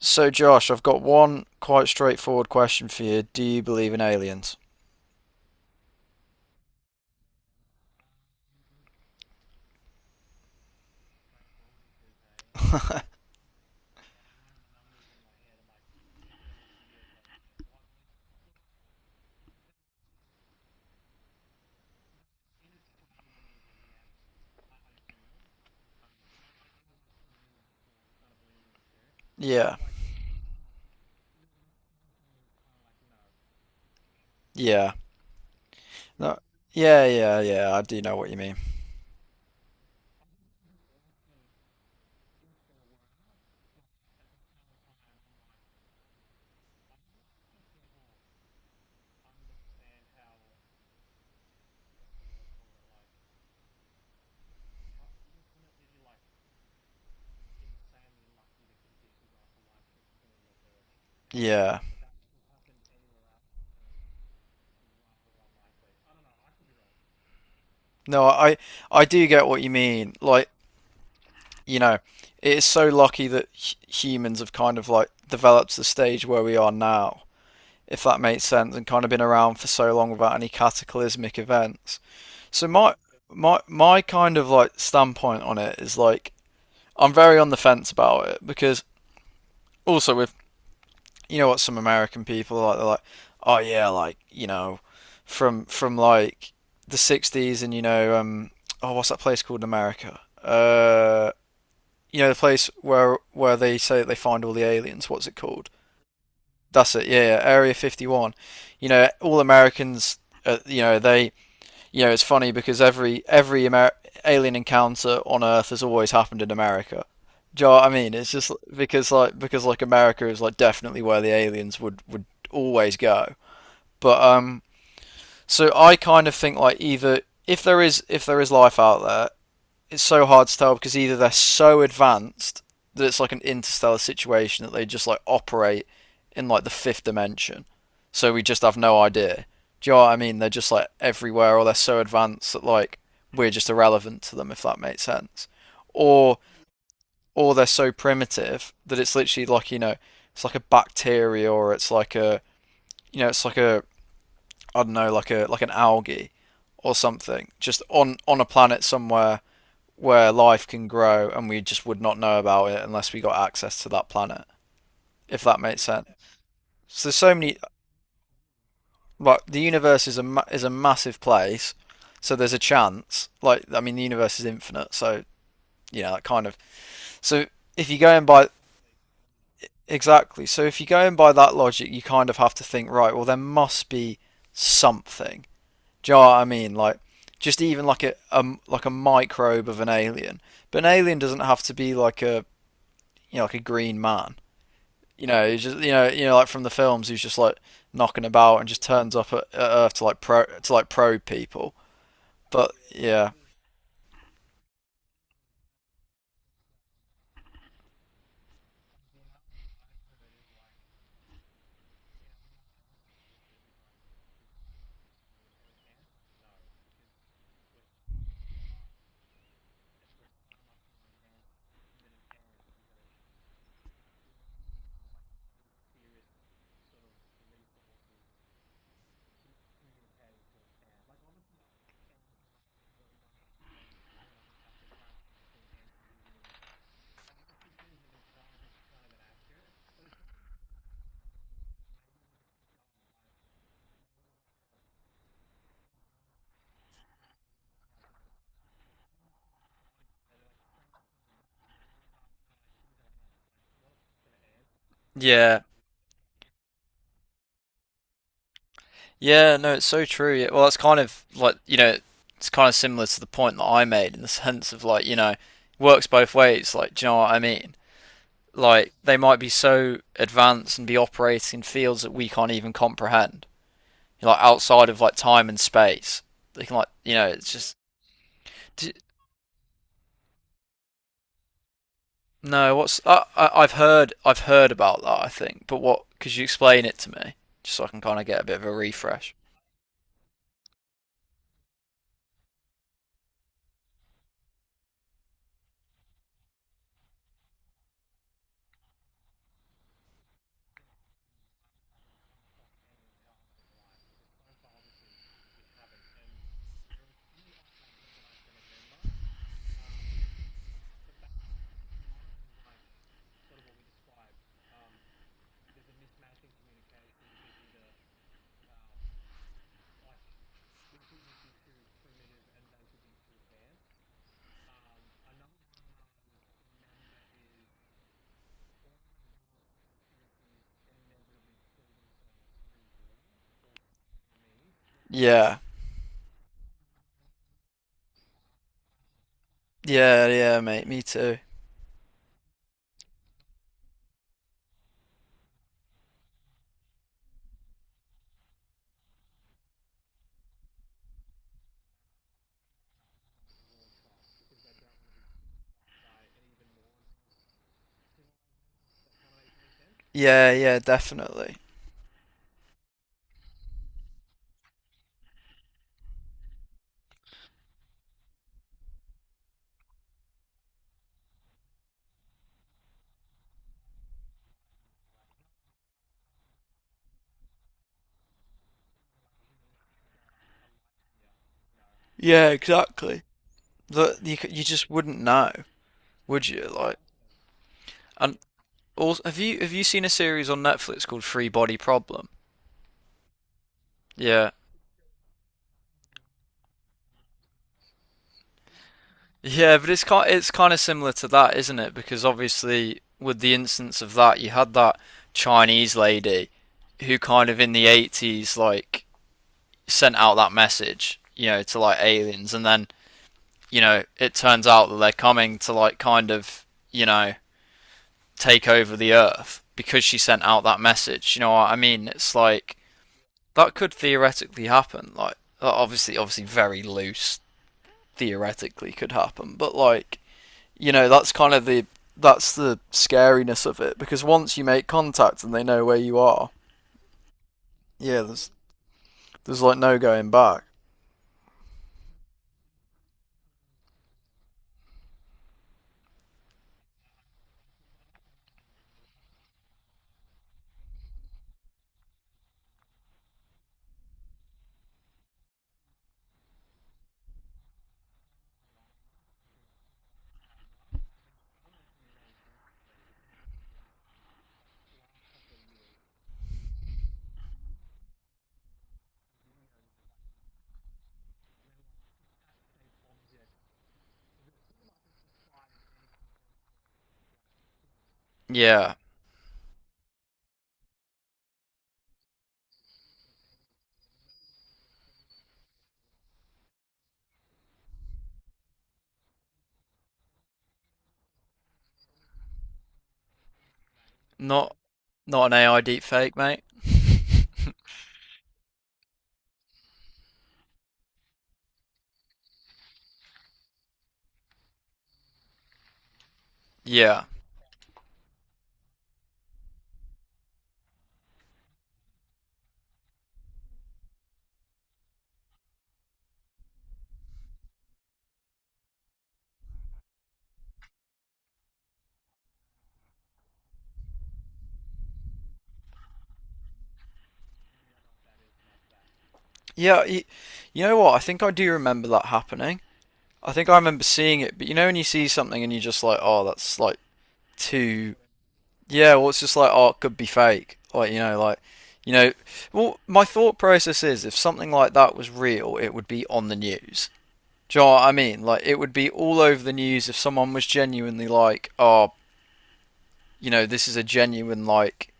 So, Josh, I've got one quite straightforward question for you. Do you believe in aliens? Yeah. Yeah. No. Yeah, yeah, yeah. I do know what you mean. Yeah. No, I do get what you mean. Like, you know, it is so lucky that h humans have kind of like developed the stage where we are now, if that makes sense, and kind of been around for so long without any cataclysmic events. So my kind of like standpoint on it is like I'm very on the fence about it because also with you know what some American people are like, they're like, oh yeah, like you know, from like the '60s and you know, oh, what's that place called in America? You know, the place where they say that they find all the aliens. What's it called? That's it. Yeah, yeah, Area 51. You know, all Americans, you know, they you know, it's funny because every Amer alien encounter on Earth has always happened in America. Do you know what I mean? It's just because like, because like America is like definitely where the aliens would always go. But so I kind of think like, either if there is life out there, it's so hard to tell because either they're so advanced that it's like an interstellar situation, that they just like operate in like the fifth dimension, so we just have no idea. Do you know what I mean? They're just like everywhere, or they're so advanced that like we're just irrelevant to them, if that makes sense. Or or they're so primitive that it's literally like, you know, it's like a bacteria, or it's like a you know it's like a, I don't know, like an algae or something, just on a planet somewhere where life can grow, and we just would not know about it unless we got access to that planet, if that makes sense. So there's so many, like, the universe is a massive place, so there's a chance. Like I mean, the universe is infinite, so you know, that kind of. So if you go in by Exactly, so if you go in by that logic, you kind of have to think, right? Well, there must be something. Do you know what I mean? Like, just even like a like a microbe of an alien, but an alien doesn't have to be like a, you know, like a green man, you know, he's just, you know, like from the films, he's just like knocking about and just turns up at Earth to like probe people. But yeah, yeah. Yeah, no, it's so true. Yeah, well, it's kind of like, you know, it's kind of similar to the point that I made in the sense of like, you know, works both ways. Like, do you know what I mean? Like, they might be so advanced and be operating in fields that we can't even comprehend, like outside of like time and space. They can like, you know, it's just. No, what's I've heard about that, I think. But what, could you explain it to me just so I can kind of get a bit of a refresh? Yeah. Yeah, yeah, mate, me too. Yeah, yeah, definitely. Yeah, exactly. Look, you just wouldn't know, would you? Like, and also, have you seen a series on Netflix called Free Body Problem? Yeah. Yeah, but it's kind of similar to that, isn't it? Because obviously, with the instance of that, you had that Chinese lady who kind of in the 80s like sent out that message, you know, to like aliens, and then, you know, it turns out that they're coming to like kind of, you know, take over the earth because she sent out that message. You know what I mean? It's like that could theoretically happen. Like, that obviously very loose theoretically could happen, but like, you know, that's the scariness of it, because once you make contact and they know where you are, yeah, there's like no going back. Yeah, not not an AI deepfake, mate. Yeah, yeah. You know what? I think I do remember that happening. I think I remember seeing it, but you know, when you see something and you're just like, oh, that's like too. Yeah, well, it's just like, oh, it could be fake. Like, you know, like, you know. Well, my thought process is, if something like that was real, it would be on the news. Do you know what I mean? Like, it would be all over the news if someone was genuinely like, oh, you know, this is a genuine, like,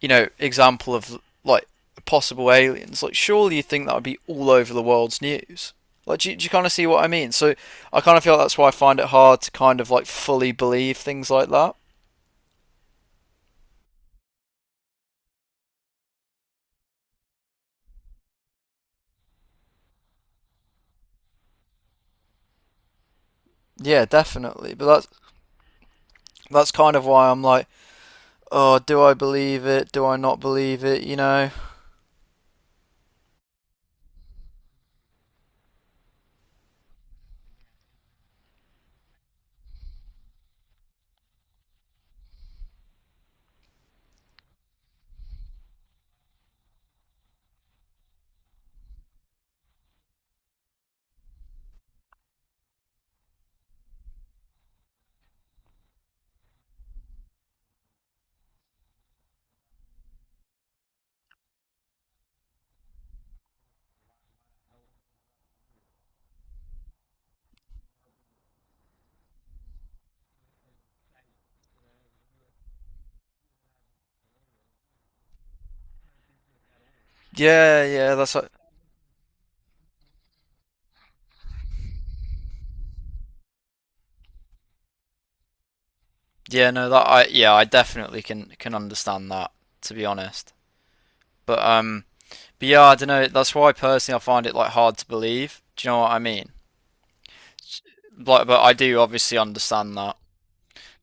you know, example of, like, possible aliens. Like, surely you think that would be all over the world's news. Like, do you kind of see what I mean? So, I kind of feel that's why I find it hard to kind of, like, fully believe things like that. Yeah, definitely. But that's kind of why I'm like, oh, do I believe it? Do I not believe it? You know? Yeah, yeah, that's like. Yeah, no, that I yeah, I definitely can understand that, to be honest. But um, but yeah, I don't know. That's why personally I find it like hard to believe. Do you know what I mean? Like, but I do obviously understand that.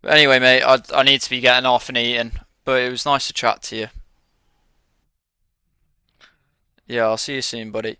But anyway, mate, I need to be getting off and eating. But it was nice to chat to you. Yeah, I'll see you soon, buddy.